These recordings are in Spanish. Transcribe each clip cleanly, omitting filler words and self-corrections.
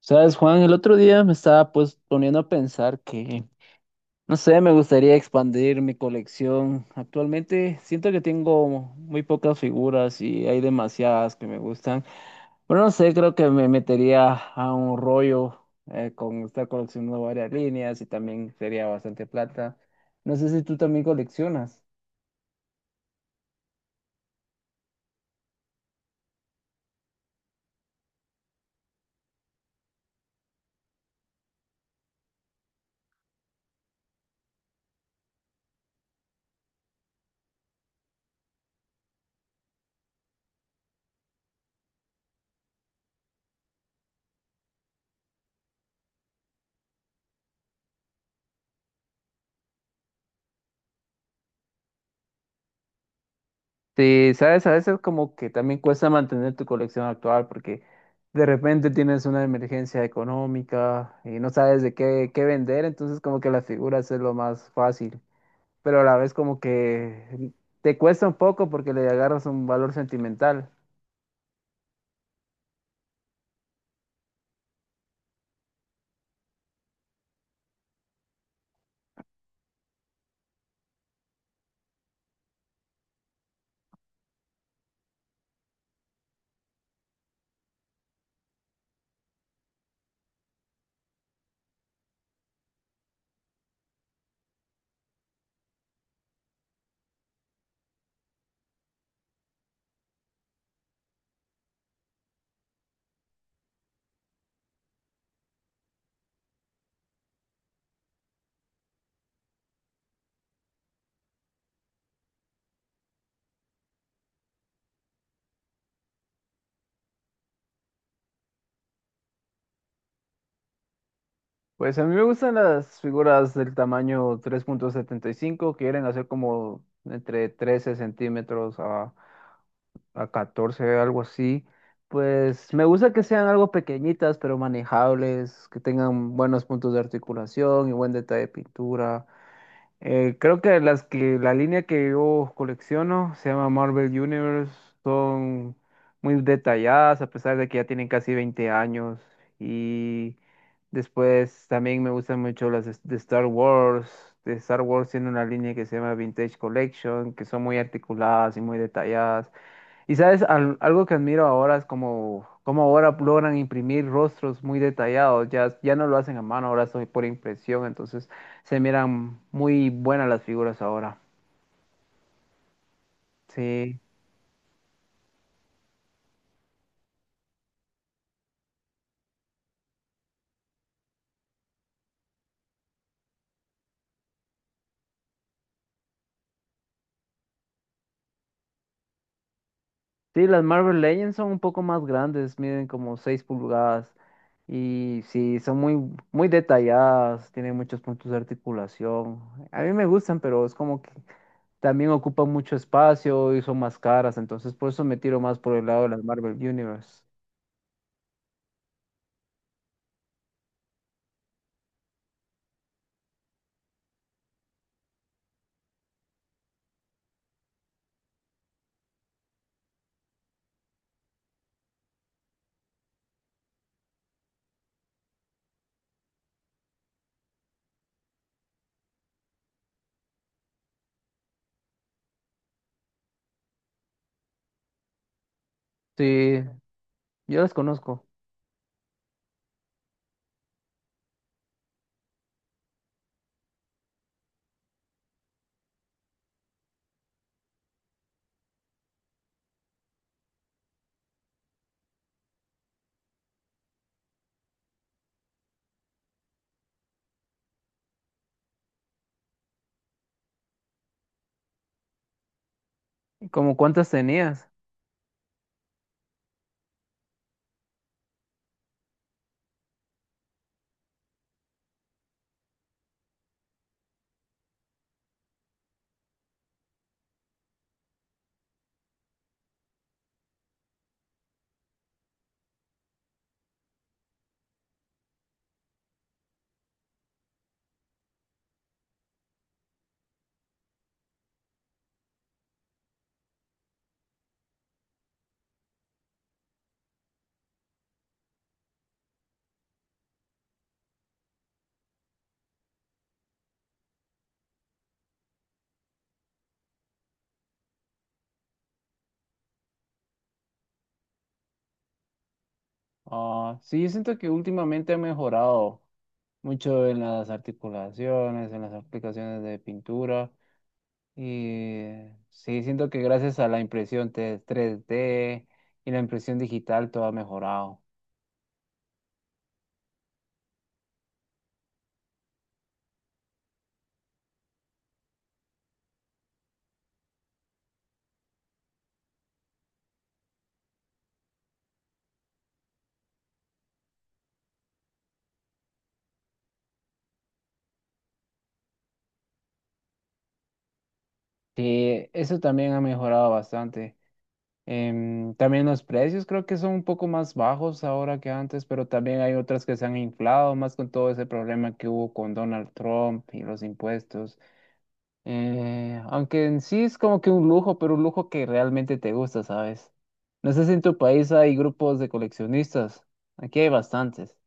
Sabes, Juan, el otro día me estaba pues poniendo a pensar que, no sé, me gustaría expandir mi colección. Actualmente siento que tengo muy pocas figuras y hay demasiadas que me gustan. Pero no sé, creo que me metería a un rollo con estar coleccionando varias líneas y también sería bastante plata. No sé si tú también coleccionas. Sí, sabes, a veces como que también cuesta mantener tu colección actual porque de repente tienes una emergencia económica y no sabes de qué, qué vender, entonces como que las figuras es lo más fácil, pero a la vez como que te cuesta un poco porque le agarras un valor sentimental. Pues a mí me gustan las figuras del tamaño 3,75 que quieren hacer como entre 13 cm a 14, algo así. Pues me gusta que sean algo pequeñitas, pero manejables, que tengan buenos puntos de articulación y buen detalle de pintura. Creo que las que la línea que yo colecciono se llama Marvel Universe, son muy detalladas a pesar de que ya tienen casi 20 años. Y después también me gustan mucho las de Star Wars. De Star Wars tiene una línea que se llama Vintage Collection, que son muy articuladas y muy detalladas. Y sabes, algo que admiro ahora es como, como ahora logran imprimir rostros muy detallados, ya, ya no lo hacen a mano, ahora soy por impresión, entonces se miran muy buenas las figuras ahora. Sí, sí, las Marvel Legends son un poco más grandes, miden como 6 pulgadas y sí, son muy, muy detalladas, tienen muchos puntos de articulación. A mí me gustan, pero es como que también ocupan mucho espacio y son más caras, entonces por eso me tiro más por el lado de las Marvel Universe. Sí, yo las conozco. ¿Como cuántas tenías? Ah, sí, yo siento que últimamente ha mejorado mucho en las articulaciones, en las aplicaciones de pintura. Y sí, siento que gracias a la 3D y la impresión digital todo ha mejorado. Sí, eso también ha mejorado bastante. También los precios creo que son un poco más bajos ahora que antes, pero también hay otras que se han inflado más con todo ese problema que hubo con Donald Trump y los impuestos. Aunque en sí es como que un lujo, pero un lujo que realmente te gusta, ¿sabes? No sé si en tu país hay grupos de coleccionistas. Aquí hay bastantes.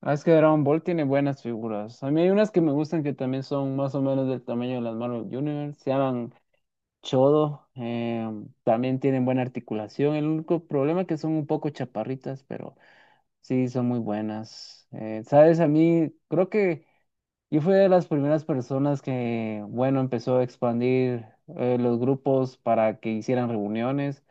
Ah, es que Dragon Ball tiene buenas figuras. A mí hay unas que me gustan que también son más o menos del tamaño de las Marvel Universe. Se llaman Chodo. También tienen buena articulación. El único problema es que son un poco chaparritas, pero sí, son muy buenas. ¿Sabes? A mí creo que... Y fue de las primeras personas que, bueno, empezó a expandir los grupos para que hicieran reuniones.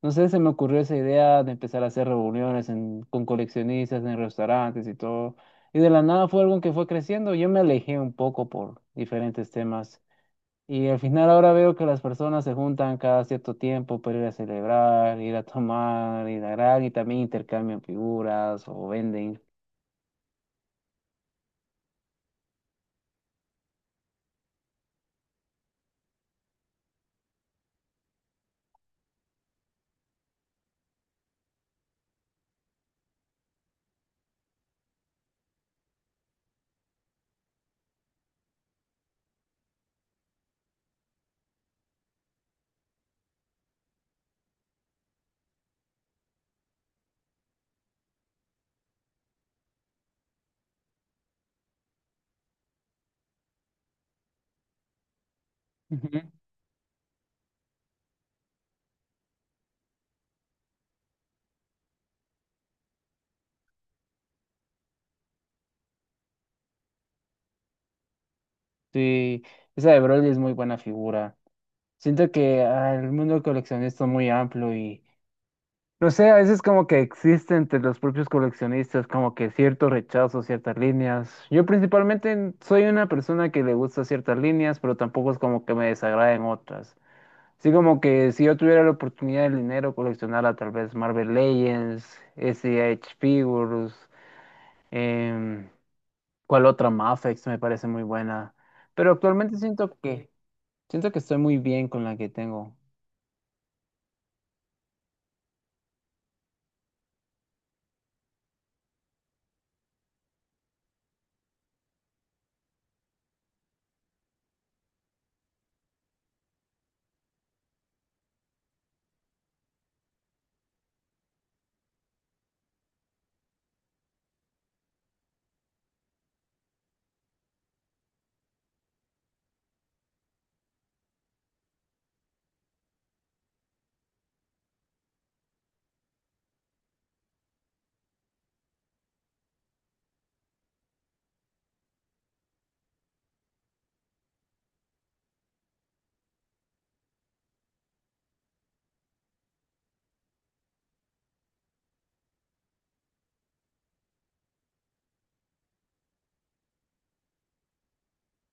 No sé, se me ocurrió esa idea de empezar a hacer reuniones con coleccionistas en restaurantes y todo. Y de la nada fue algo que fue creciendo. Yo me alejé un poco por diferentes temas. Y al final ahora veo que las personas se juntan cada cierto tiempo para ir a celebrar, ir a tomar, ir a gran y también intercambian figuras o venden. Ujú. Sí, esa de Broly es muy buena figura. Siento que el mundo coleccionista es muy amplio y no sé, a veces como que existe entre los propios coleccionistas como que cierto rechazo, ciertas líneas. Yo principalmente soy una persona que le gusta ciertas líneas, pero tampoco es como que me desagraden otras. Así como que si yo tuviera la oportunidad del dinero, coleccionara tal vez Marvel Legends, SH Figures, em, ¿cuál otra? Mafex me parece muy buena. Pero actualmente siento que estoy muy bien con la que tengo.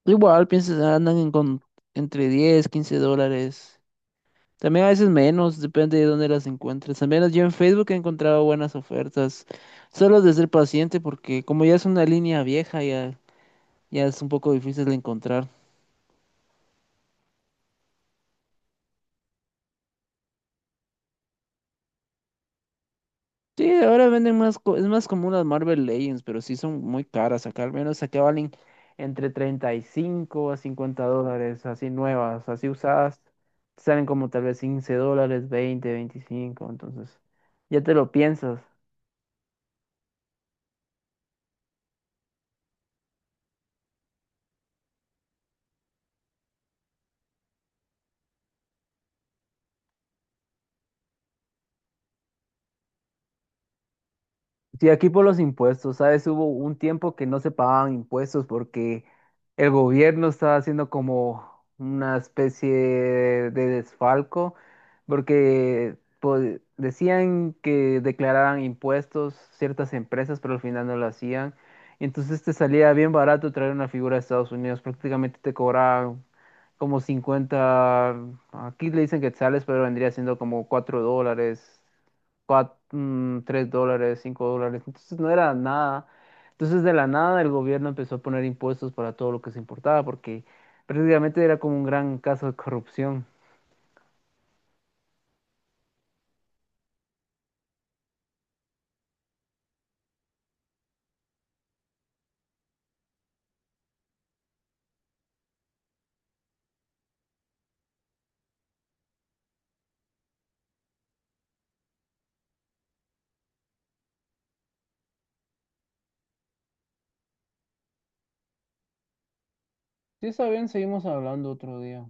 Igual, piensas, ah, andan, entre 10, 15 dólares. También a veces menos, depende de dónde las encuentres. Al menos yo en Facebook he encontrado buenas ofertas. Solo de ser paciente, porque como ya es una línea vieja, ya, ya es un poco difícil de encontrar. Sí, ahora venden más, es más común las Marvel Legends, pero sí son muy caras. Acá al menos acá valen entre 35 a 50 dólares, así nuevas. Así usadas, salen como tal vez 15 dólares, 20, 25 entonces ya te lo piensas. Sí, aquí por los impuestos, ¿sabes? Hubo un tiempo que no se pagaban impuestos porque el gobierno estaba haciendo como una especie de desfalco, porque pues, decían que declararan impuestos ciertas empresas, pero al final no lo hacían. Y entonces te salía bien barato traer una figura de Estados Unidos, prácticamente te cobraban como 50, aquí le dicen quetzales, pero vendría siendo como 4 dólares, cuatro, tres dólares, 5 dólares. Entonces no era nada. Entonces de la nada el gobierno empezó a poner impuestos para todo lo que se importaba porque prácticamente era como un gran caso de corrupción. Si está bien, seguimos hablando otro día.